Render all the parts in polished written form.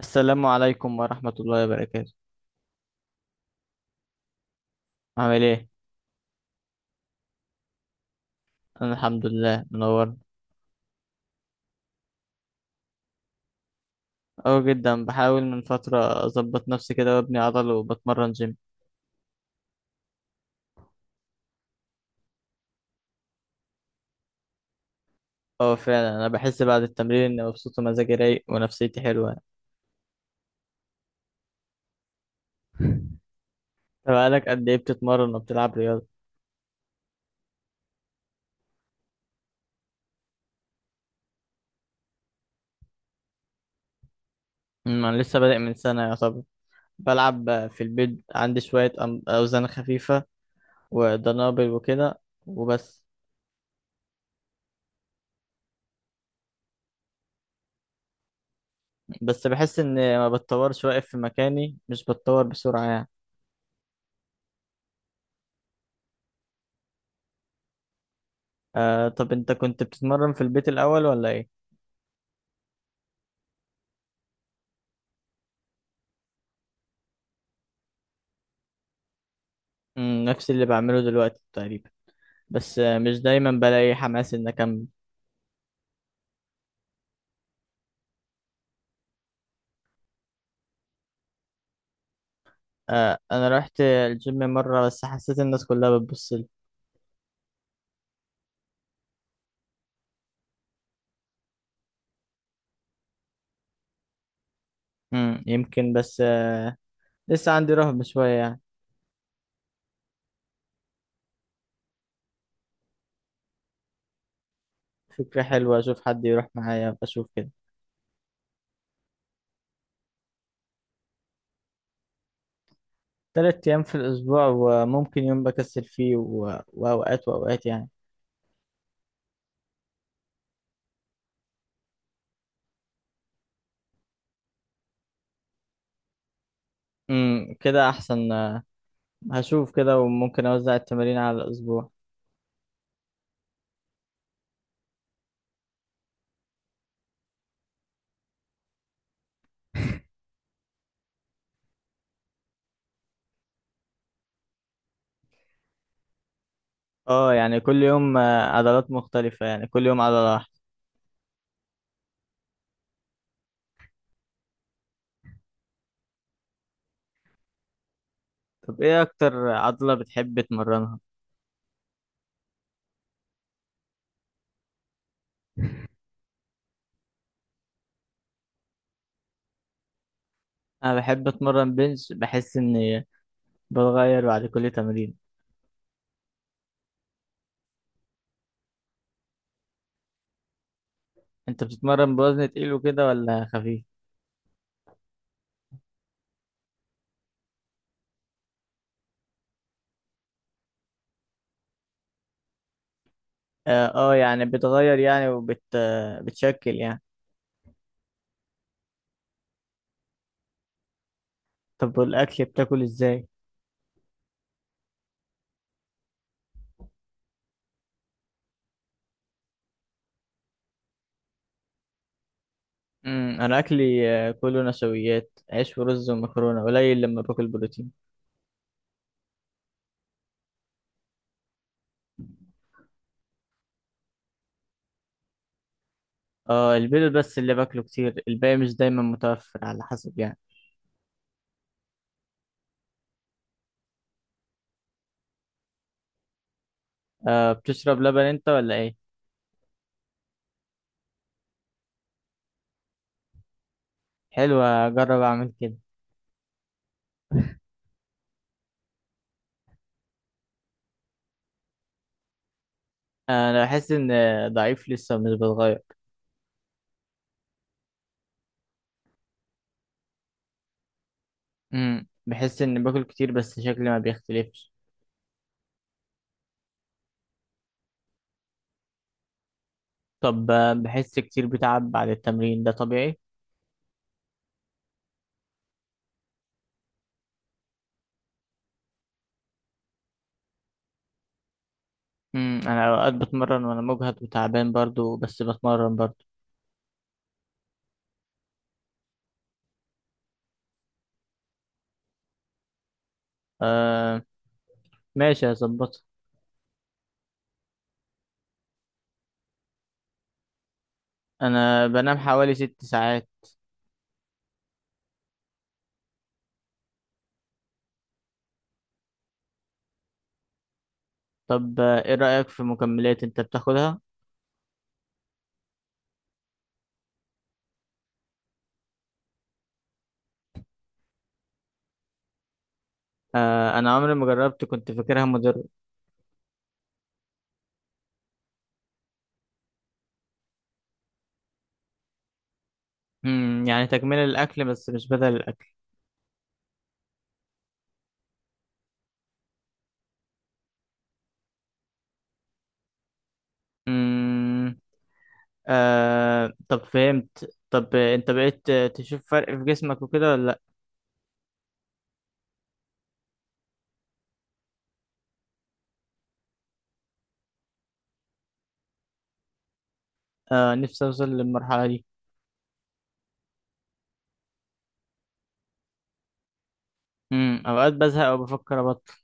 السلام عليكم ورحمة الله وبركاته. عامل ايه؟ أنا الحمد لله منور. أه جدا، بحاول من فترة أظبط نفسي كده وأبني عضل وبتمرن جيم. أه فعلا، أنا بحس بعد التمرين إني مبسوط ومزاجي رايق ونفسيتي حلوة. طب بقالك قد إيه بتتمرن وبتلعب رياضة؟ أنا لسه بادئ من سنة يعتبر. بلعب في البيت، عندي شوية أوزان خفيفة ودنابل وكده وبس. بس بحس إني ما بتطورش، واقف في مكاني مش بتطور بسرعة يعني. آه، طب انت كنت بتتمرن في البيت الاول ولا ايه؟ نفس اللي بعمله دلوقتي تقريبا. بس مش دايما بلاقي حماس ان اكمل. آه، انا رحت الجيم مرة بس حسيت الناس كلها بتبصلي. يمكن، بس لسه عندي رهبة شوية يعني. فكرة حلوة، اشوف حد يروح معايا بشوف كده. تلات ايام في الاسبوع وممكن يوم بكسل فيه و... واوقات واوقات يعني. كده احسن. آه، هشوف كده وممكن اوزع التمارين على الاسبوع. اه، يعني كل يوم عضلات مختلفة، يعني كل يوم عضلة واحدة. طب ايه اكتر عضلة بتحب تمرنها؟ انا بحب اتمرن بنش، بحس اني بتغير بعد كل تمرين. انت بتتمرن بوزن تقيل وكده ولا خفيف؟ اه، يعني بتغير يعني، وبت آه، بتشكل يعني. طب والاكل بتاكل ازاي؟ انا اكلي كله نشويات، عيش ورز ومكرونة، قليل لما باكل بروتين. اه، البيض بس اللي باكله كتير، الباقي مش دايما متوفر على حسب يعني. آه، بتشرب لبن انت ولا ايه؟ حلو، اجرب اعمل كده. انا بحس ان ضعيف لسه مش بتغير. بحس ان باكل كتير بس شكلي ما بيختلفش. طب بحس كتير بتعب بعد التمرين، ده طبيعي؟ انا اوقات بتمرن وانا مجهد وتعبان برضو، بس بتمرن برضو. آه، ماشي هظبطها. انا بنام حوالي ست ساعات. طب ايه رأيك في مكملات انت بتاخدها؟ آه، انا عمري ما جربت، كنت فاكرها مضرة. يعني تكملة الاكل بس مش بدل الاكل. امم آه، طب فهمت. طب انت بقيت تشوف فرق في جسمك وكده ولا لا؟ آه، نفسي اوصل للمرحلة دي. اوقات بزهق او بفكر ابطل.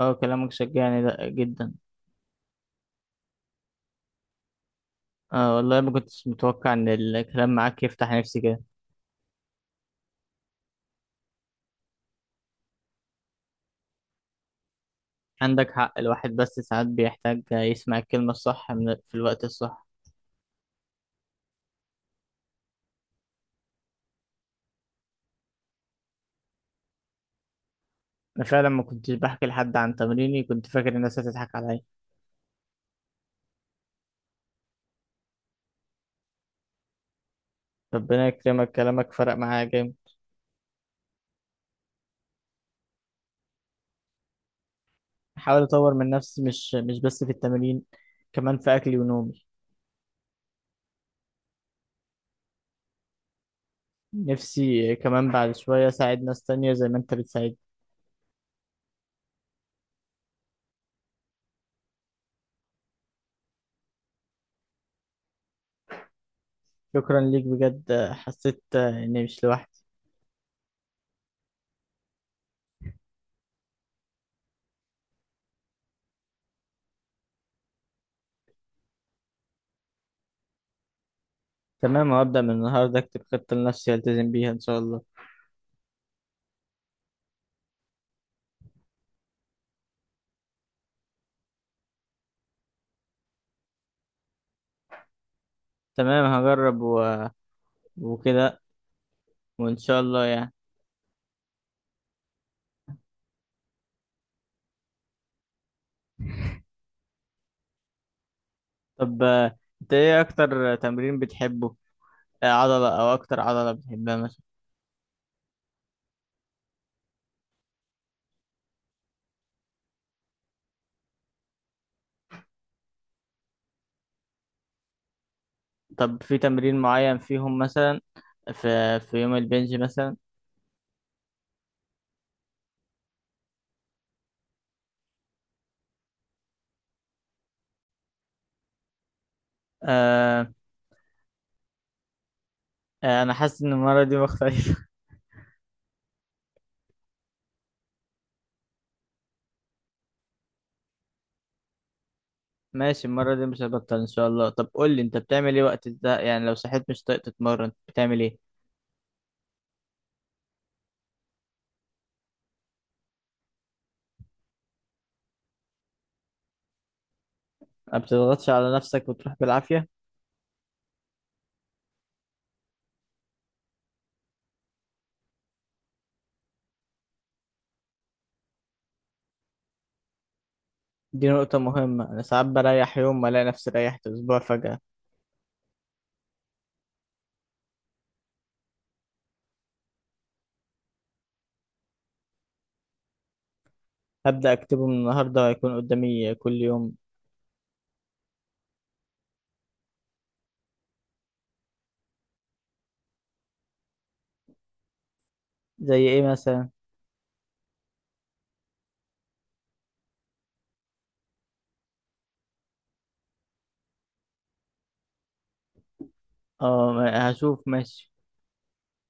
اه، كلامك شجعني ده جدا. اه والله ما كنتش متوقع ان الكلام معاك يفتح نفسي كده. عندك حق، الواحد بس ساعات بيحتاج يسمع الكلمة الصح من في الوقت الصح. انا فعلا ما كنتش بحكي لحد عن تمريني، كنت فاكر الناس هتضحك عليا. ربنا يكرمك، كلامك فرق معايا جامد. بحاول اطور من نفسي، مش بس في التمرين، كمان في اكلي ونومي. نفسي كمان بعد شوية أساعد ناس تانية زي ما أنت بتساعدني. شكرا ليك بجد، حسيت إني مش لوحدي. تمام، هبدأ من النهاردة أكتب خطة لنفسي ألتزم بيها إن شاء الله. تمام، هجرب وكده وإن شاء الله يعني. طب أنت إيه أكتر تمرين بتحبه؟ آه، عضلة أو أكتر عضلة بتحبها مثلا؟ طب في تمرين معين فيهم مثلا، في يوم البنج مثلا؟ آه... آه، أنا حاسس إن المرة دي مختلفة. ماشي، المرة دي مش هبطل إن شاء الله. طب قول لي، أنت بتعمل إيه وقت ده يعني؟ لو صحيت مش طايق تتمرن بتعمل إيه؟ ما بتضغطش على نفسك وتروح بالعافية؟ دي نقطة مهمة، أنا ساعات بريح يوم وألاقي نفسي ريحت أسبوع فجأة. هبدأ أكتبه من النهاردة، هيكون قدامي كل يوم. زي إيه مثلا؟ أه، هشوف ماشي.